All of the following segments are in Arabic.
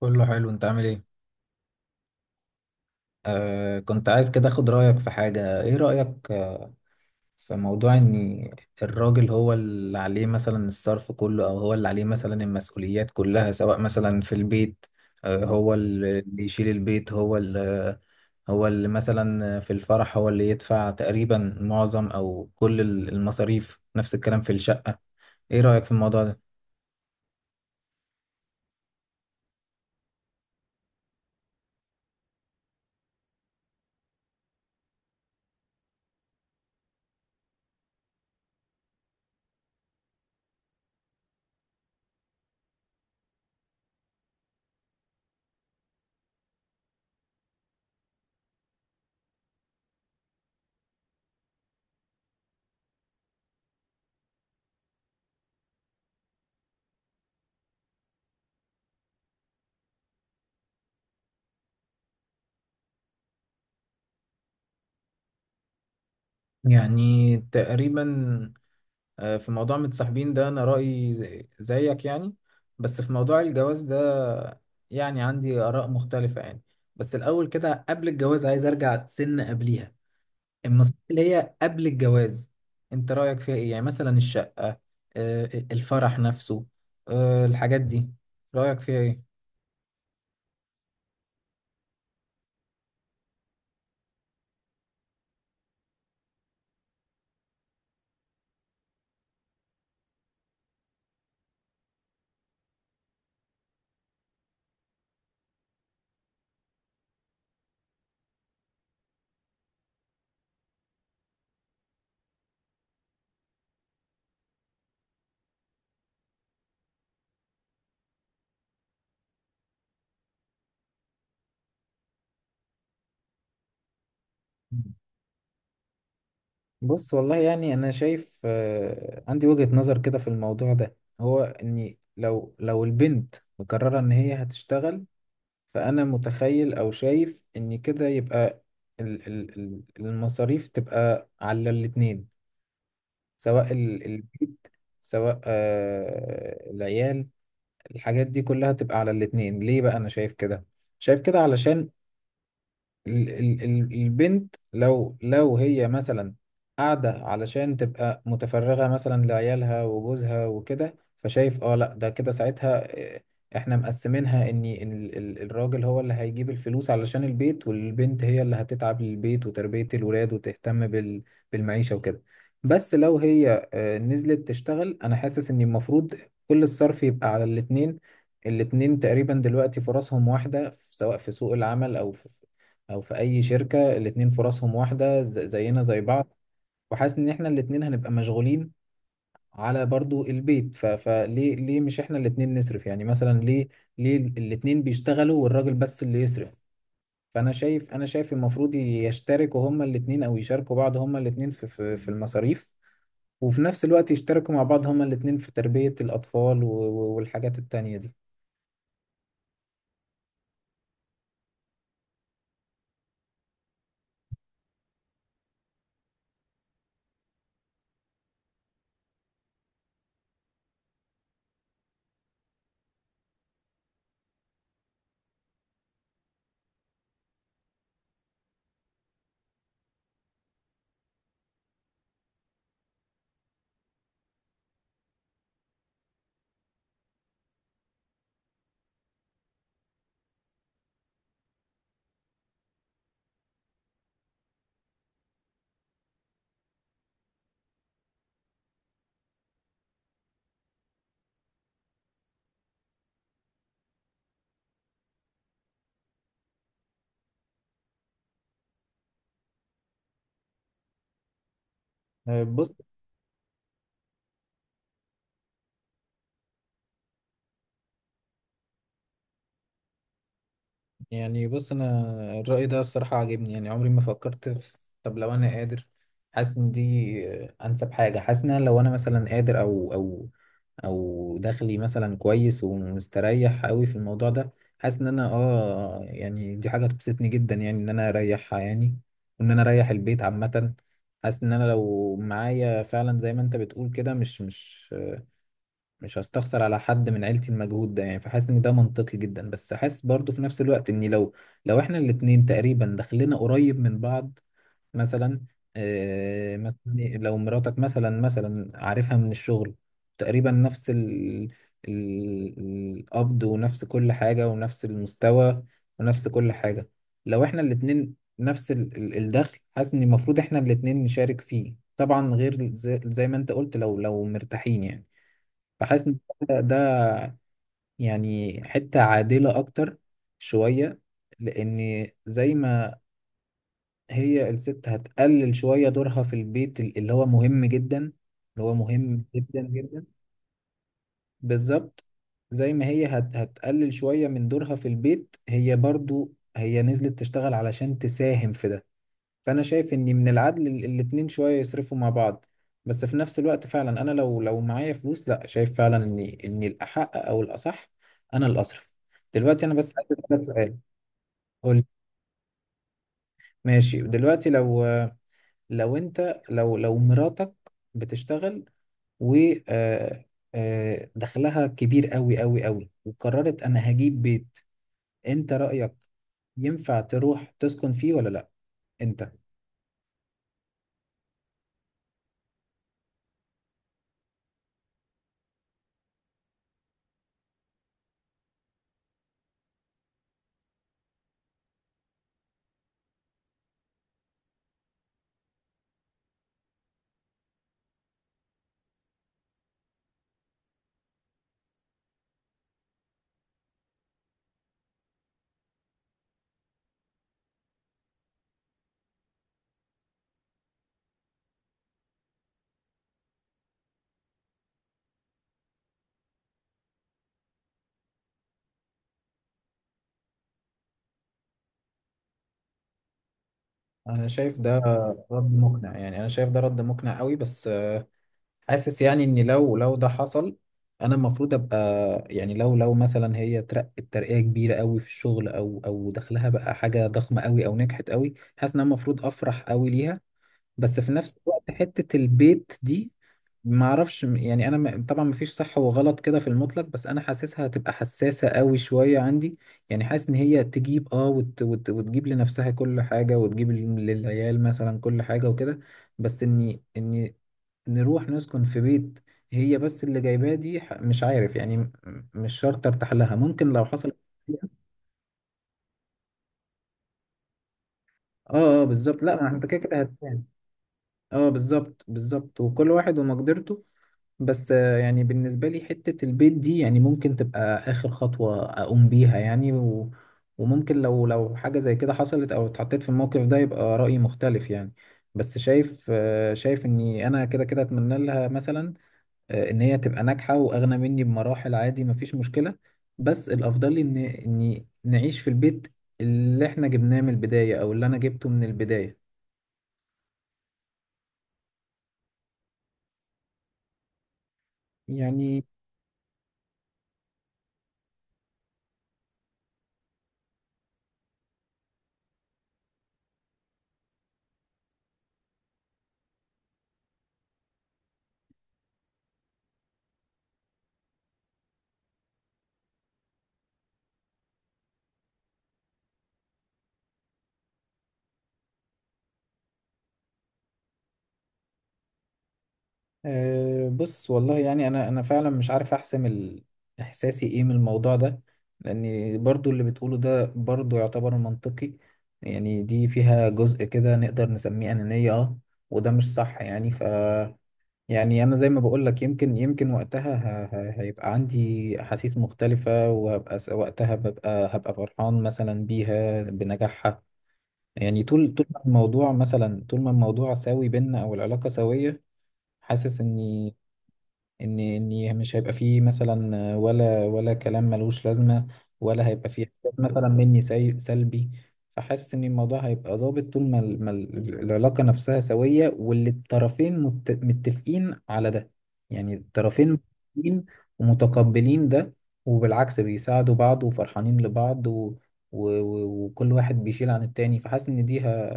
كله حلو. انت عامل ايه؟ كنت عايز كده اخد رأيك في حاجة. ايه رأيك في موضوع ان الراجل هو اللي عليه مثلا الصرف كله، او هو اللي عليه مثلا المسؤوليات كلها، سواء مثلا في البيت. هو اللي يشيل البيت، هو اللي مثلا في الفرح هو اللي يدفع تقريبا معظم او كل المصاريف. نفس الكلام في الشقة. ايه رأيك في الموضوع ده؟ يعني تقريبا، في موضوع متصاحبين ده انا رأيي زيك يعني. بس في موضوع الجواز ده يعني عندي آراء مختلفة يعني. بس الأول كده قبل الجواز عايز أرجع سن قبليها. النصيحة اللي هي قبل الجواز أنت رأيك فيها إيه؟ يعني مثلا الشقة، آه، الفرح نفسه، الحاجات دي، رأيك فيها إيه؟ بص، والله يعني أنا شايف، عندي وجهة نظر كده في الموضوع ده، هو إني لو البنت مقررة إن هي هتشتغل، فأنا متخيل أو شايف إن كده يبقى المصاريف تبقى على الاتنين، سواء البيت، سواء العيال، الحاجات دي كلها تبقى على الاتنين. ليه بقى أنا شايف كده؟ شايف كده علشان البنت لو هي مثلا قاعدة علشان تبقى متفرغة مثلا لعيالها وجوزها وكده، فشايف اه لا ده كده ساعتها، احنا مقسمينها ان الراجل هو اللي هيجيب الفلوس علشان البيت، والبنت هي اللي هتتعب للبيت وتربية الولاد وتهتم بالمعيشة وكده. بس لو هي نزلت تشتغل، انا حاسس ان المفروض كل الصرف يبقى على الاتنين. الاتنين تقريبا دلوقتي فرصهم واحدة سواء في سوق العمل أو في او في اي شركه، الاتنين فرصهم واحده، زينا زي بعض. وحاسس ان احنا الاتنين هنبقى مشغولين على برضو البيت، فليه مش احنا الاتنين نصرف؟ يعني مثلا ليه الاتنين بيشتغلوا والراجل بس اللي يصرف؟ فانا شايف، انا شايف المفروض يشتركوا هما الاتنين او يشاركوا بعض هما الاتنين في المصاريف. وفي نفس الوقت يشتركوا مع بعض هما الاتنين في تربيه الاطفال والحاجات التانية دي. بص، انا الرأي ده الصراحة عاجبني. يعني عمري ما فكرت في طب لو انا قادر. حاسس ان دي انسب حاجة. حاسس ان أنا لو انا مثلا قادر او دخلي مثلا كويس ومستريح قوي في الموضوع ده، حاسس ان انا اه يعني دي حاجة تبسطني جدا، يعني ان انا اريحها يعني، وان انا اريح البيت عامة. حاسس ان انا لو معايا فعلا زي ما انت بتقول كده، مش هستخسر على حد من عيلتي المجهود ده يعني. فحاسس ان ده منطقي جدا. بس حاسس برضو في نفس الوقت ان لو احنا الاتنين تقريبا دخلنا قريب من بعض، مثلا مثلا لو مراتك مثلا عارفها من الشغل تقريبا نفس ال ال- القبض، ونفس كل حاجة، ونفس المستوى، ونفس كل حاجة. لو احنا الاتنين نفس الدخل، حاسس ان المفروض احنا الاتنين نشارك فيه. طبعا غير زي ما انت قلت لو مرتاحين يعني. فحاسس ان ده يعني حتة عادلة اكتر شوية. لان زي ما هي الست هتقلل شوية دورها في البيت، اللي هو مهم جدا، اللي هو مهم جدا جدا. بالظبط، زي ما هي هتقلل شوية من دورها في البيت، هي برضو هي نزلت تشتغل علشان تساهم في ده. فانا شايف ان من العدل الاتنين شويه يصرفوا مع بعض. بس في نفس الوقت فعلا انا لو معايا فلوس، لا شايف فعلا ان الاحق او الاصح انا اللي اصرف. دلوقتي انا بس عايز اسالك سؤال. قول لي. ماشي، دلوقتي لو لو انت لو لو مراتك بتشتغل، و آه، دخلها كبير قوي قوي قوي، وقررت انا هجيب بيت، انت رايك ينفع تروح تسكن فيه ولا لا؟ انت. انا شايف ده رد مقنع، يعني انا شايف ده رد مقنع قوي. بس حاسس يعني ان لو ده حصل، انا المفروض ابقى، يعني لو مثلا هي ترقت ترقية كبيرة قوي في الشغل، او او دخلها بقى حاجة ضخمة قوي او نجحت قوي، حاسس ان انا المفروض افرح قوي ليها. بس في نفس الوقت حتة البيت دي ما اعرفش، يعني انا طبعا مفيش صح وغلط كده في المطلق، بس انا حاسسها هتبقى حساسة قوي شوية عندي. يعني حاسس ان هي تجيب اه وت وت وتجيب لنفسها كل حاجة، وتجيب للعيال مثلا كل حاجة وكده. بس اني نروح نسكن في بيت هي بس اللي جايباه، دي مش عارف يعني، مش شرط ارتاح لها، ممكن لو حصل. اه اه بالظبط، لا ما انت كده كده هتفهم. اه بالظبط بالظبط، وكل واحد ومقدرته. بس يعني بالنسبة لي حتة البيت دي يعني ممكن تبقى آخر خطوة أقوم بيها يعني. وممكن لو حاجة زي كده حصلت أو اتحطيت في الموقف ده يبقى رأيي مختلف يعني. بس شايف، شايف إني أنا كده كده أتمنى لها مثلا إن هي تبقى ناجحة وأغنى مني بمراحل، عادي مفيش مشكلة. بس الأفضل لي إن إني نعيش في البيت اللي إحنا جبناه من البداية، أو اللي أنا جبته من البداية يعني. أه بص والله، يعني انا فعلا مش عارف احسم احساسي ايه من الموضوع ده. لان برضو اللي بتقوله ده برضو يعتبر منطقي. يعني دي فيها جزء كده نقدر نسميه انانية اه، وده مش صح يعني. ف يعني انا زي ما بقول لك، يمكن وقتها هيبقى عندي احاسيس مختلفة، وهبقى وقتها ببقى هبقى فرحان مثلا بيها بنجاحها. يعني طول ما الموضوع مثلا، طول ما الموضوع ساوي بينا او العلاقة سوية، حاسس اني ان مش هيبقى فيه مثلا ولا كلام ملوش لازمه، ولا هيبقى فيه إحساس مثلا مني سلبي. فحاسس ان الموضوع هيبقى ظابط طول ما العلاقه نفسها سويه، واللي الطرفين متفقين على ده. يعني الطرفين متفقين ومتقبلين ده. وبالعكس بيساعدوا بعض وفرحانين لبعض وكل واحد بيشيل عن التاني. فحاسس ان دي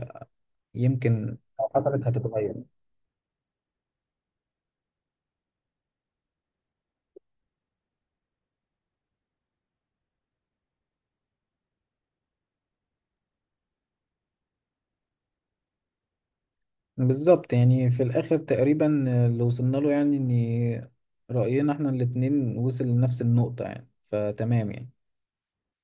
يمكن لو حصلت هتتغير. بالظبط، يعني في الآخر تقريبا اللي وصلنا له يعني إن رأينا إحنا الاتنين وصل لنفس النقطة يعني، فتمام يعني.